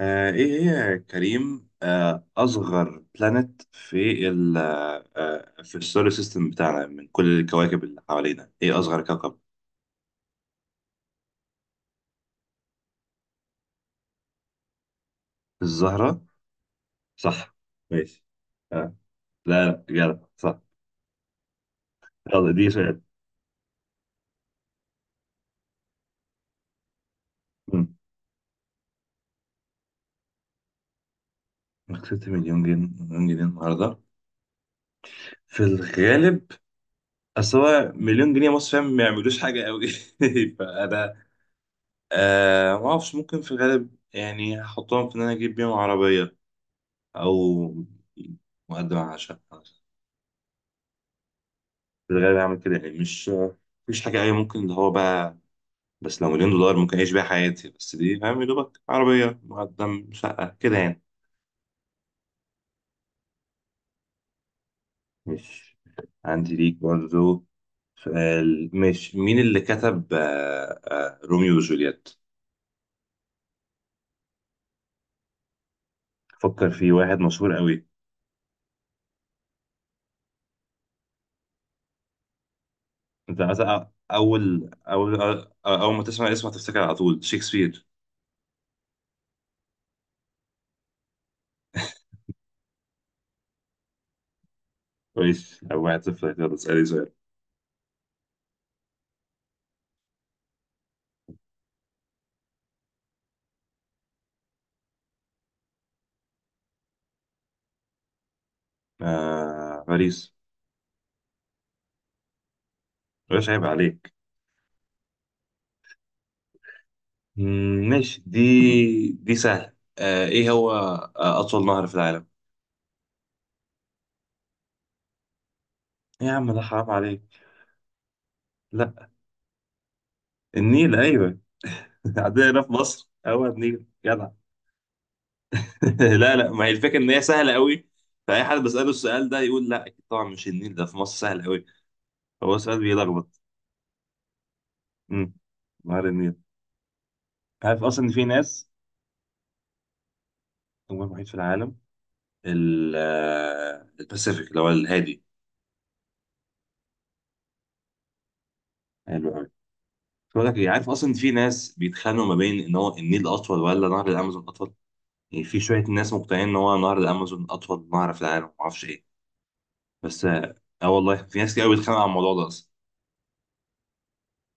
إيه هي يا كريم، أصغر بلانت في ال آه، في السولار سيستم بتاعنا؟ من كل الكواكب اللي حوالينا إيه أصغر كوكب؟ الزهرة صح. ماشي. آه. لا لا، جدع صح. يلا دي سؤال. مم. كسبت مليون جنيه، النهاردة؟ في الغالب أصل هو مليون جنيه مصر، فاهم؟ ما يعملوش حاجة قوي. فأنا ما أعرفش. ممكن في الغالب يعني هحطهم في إن أنا أجيب بيهم عربية او مقدم على شقه. في الغالب هعمل كده، يعني مش مفيش حاجه اي، ممكن اللي هو بقى. بس لو مليون دولار ممكن اعيش بيها حياتي، بس دي فاهم يا دوبك عربيه مقدم شقه كده يعني. مش عندي ليك برضو سؤال؟ مش مين اللي كتب روميو وجولييت؟ فكر في واحد مشهور قوي. انت مثلا أول ما تسمع اسمه هتفتكر على طول شكسبير. كويس، او واحد صفر. يلا اسالي سؤال. آه باريس. مش عيب عليك؟ ماشي دي سهل. ايه هو اطول نهر في العالم؟ إيه يا عم، ده حرام عليك! لا. النيل، ايوه. عندنا هنا في مصر هو النيل، جدع. لا لا، ما هي الفكره ان هي سهله قوي. فاي حد بساله السؤال ده يقول لا، اكيد طبعا مش النيل، ده في مصر سهل قوي. هو سؤال بيلخبط. امم، نهر النيل. عارف اصلا ان في ناس، هو الوحيد في العالم. الباسيفيك، اللي هو الهادي. حلو قوي. بقول لك إيه، عارف اصلا ان في ناس بيتخانقوا ما بين ان هو النيل اطول ولا نهر الامازون اطول؟ يعني في شوية ناس مقتنعين إن هو نهر الأمازون أطول نهر في العالم، معرفش إيه. بس آه، آه والله في ناس كتير أوي بتتخانق على الموضوع ده أصلا.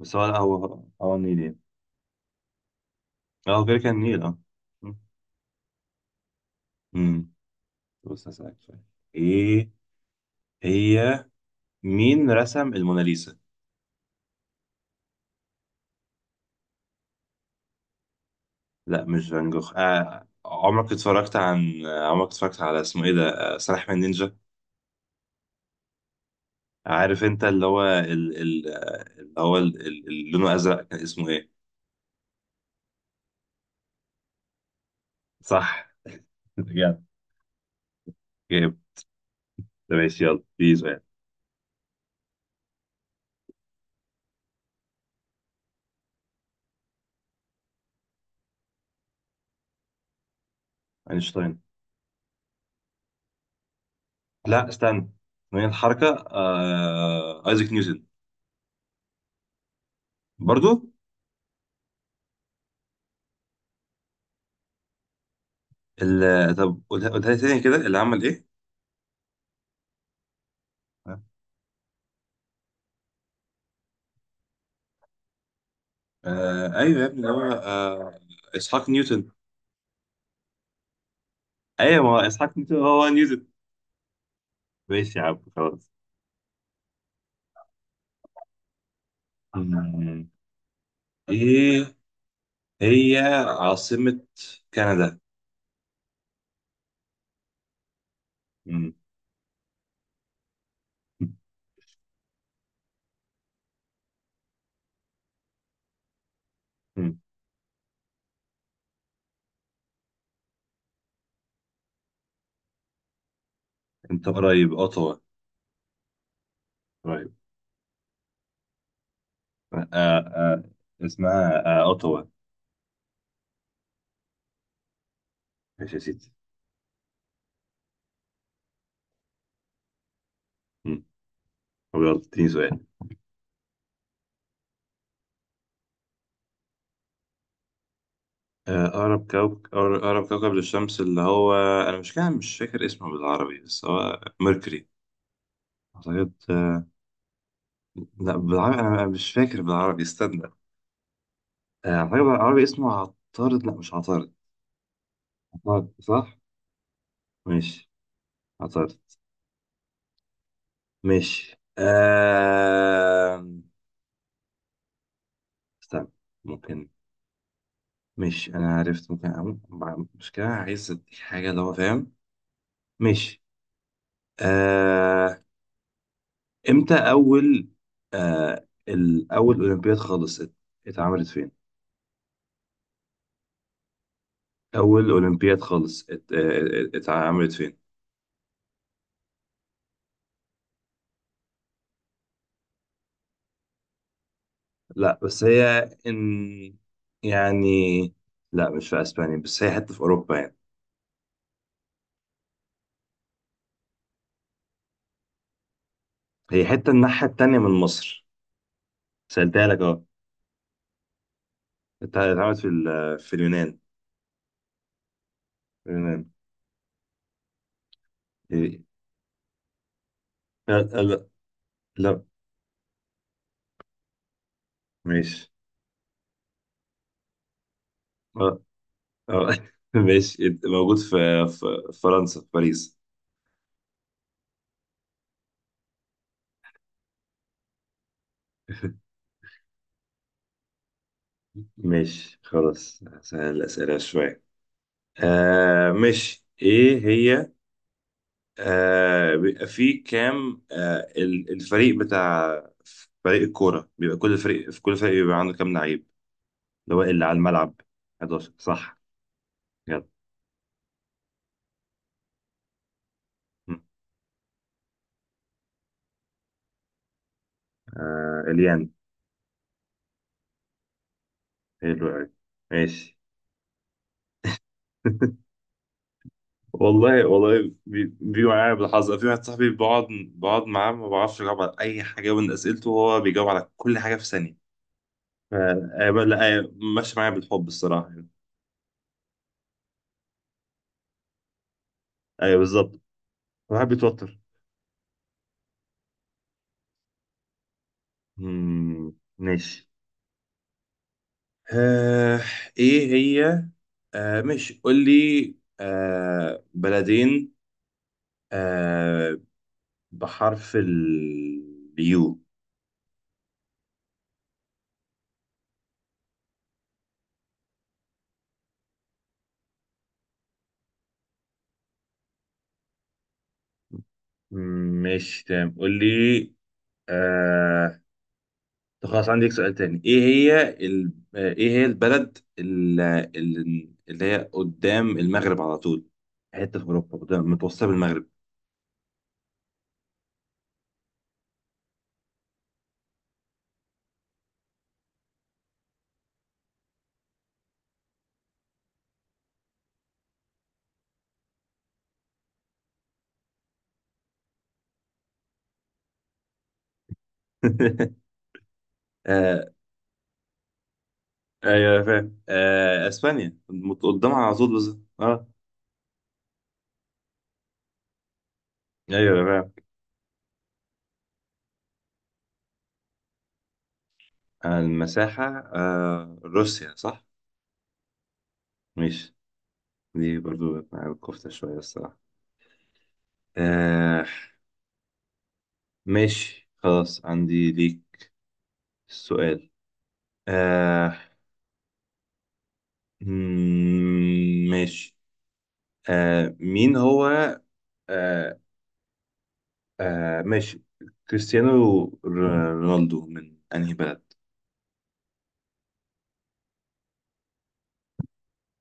بس هو لا، هو النيل يعني. هو كده كان النيل، أه. أمم. بص هسألك سؤال. إيه هي، مين رسم الموناليزا؟ لا مش فان جوخ. عمرك اتفرجت عن، عمرك اتفرجت على اسمه إيه ده، آه سلاحف النينجا؟ عارف أنت اللي هو ال... ال... آه، اللي هو اللي لونه أزرق، كان اسمه إيه؟ صح. جامد. جامد. طب ماشي، يلا بيزو يعني. أينشتاين. لا استنى، من الحركه ايزاك نيوتن. برضو؟ طب قولها، لي تاني كده، اللي عمل ايه. ايوه يا ابني، اللي هو اسحاق نيوتن. ايوه، ما هو اسحاق نيوتن هو نيوتن. ماشي يا عم، خلاص. مم. ايه هي عاصمة كندا؟ مم. مم. انت قريب، اوتوا. قريب. آه... آه... اسمها اوتوا. ماشي يا سيدي. مم. طب يلا اديني سؤال. أقرب كوكب، للشمس اللي هو، أنا مش كده مش فاكر اسمه بالعربي، بس هو ميركوري أعتقد. لا بالعربي، أنا مش فاكر بالعربي، استنى. أعتقد بالعربي اسمه عطارد. لا مش عطارد. عطارد، صح؟ ماشي، عطارد. ماشي استنى. ممكن، ماشي، أنا عرفت. ممكن أقوم مشكلة، عايز أديك حاجة اللي هو فاهم. ماشي آه... امتى اول، اول اولمبياد خالص اتعملت فين؟ اول اولمبياد خالص اتعملت فين؟ لا بس هي، ان، يعني، لا مش في اسبانيا، بس هي حته في اوروبا يعني. هي حته الناحيه التانيه من مصر. سألتها لك اهو. اتعملت في في اليونان. في اليونان. إيه. لا لا لا. ماشي. اه. اه. ماشي، موجود في، في فرنسا في باريس. ماشي خلاص، سهل الأسئلة شوية. آه مش ايه هي، بيبقى فيه كام، الفريق بتاع، فريق الكورة بيبقى، كل فريق بيبقى عنده كام لعيب اللي هو اللي على الملعب؟ 11، صح. يلا. م. آه، اليان. حلو قوي. ماشي. والله والله بيبقى معايا بالحظ، في واحد صاحبي بقعد، بقعد معاه ما بعرفش اجاوب على اي حاجة من اسئلته، وهو بيجاوب على كل حاجة في ثانية. لا ماشي معايا بالحب الصراحة. ايوه بالظبط، الواحد بيتوتر. ماشي آه ايه هي، آه مش قول لي، بلدين آه بحرف اليو. مش تمام، قول لي. آه طب خلاص عندي لك سؤال تاني. ايه هي ال... آه ايه هي البلد اللي هي قدام المغرب على طول، حتة في اوروبا قدام متوسطة بالمغرب. آه ايوه فاهم، اسبانيا قدامها على طول بالظبط، اه. ايوه فاهم. المساحة، روسيا، صح؟ ماشي. دي برضو مع الكفتة شوية الصراحة. آه ماشي خلاص عندي ليك السؤال. آه ماشي مين هو، آه ماشي، كريستيانو ر- رونالدو من أنهي بلد؟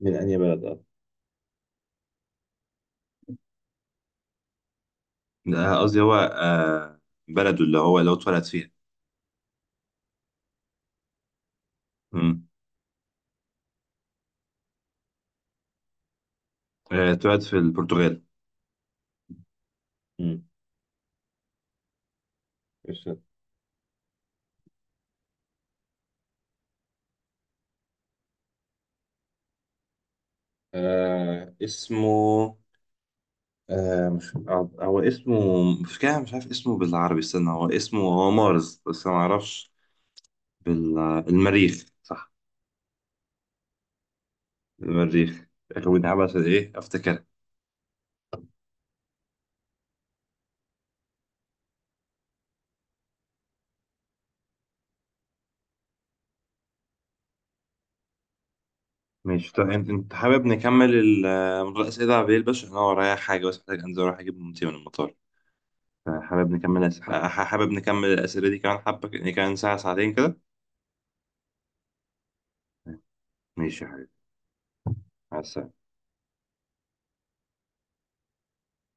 من أنهي بلد، اه، قصدي هو بلده اللي هو لو اتولد فيها. مم. آه اتولد في البرتغال. مم. قشطة. آه اسمه آه مش آه، هو اسمه، مش كده مش عارف اسمه بالعربي، استنى، هو اسمه، هو مارس، بس انا ما اعرفش بال المريخ، صح؟ المريخ، اخوين عبس ايه افتكر. ماشي طيب، انت حابب نكمل الاسئله على بالليل؟ بس عشان انا ورايا حاجه، بس محتاج انزل اروح اجيب مامتي من المطار. حابب نكمل حابب نكمل الاسئله دي كمان حبه، يعني كمان ساعه ساعتين كده. ماشي يا حبيبي، مع السلامه.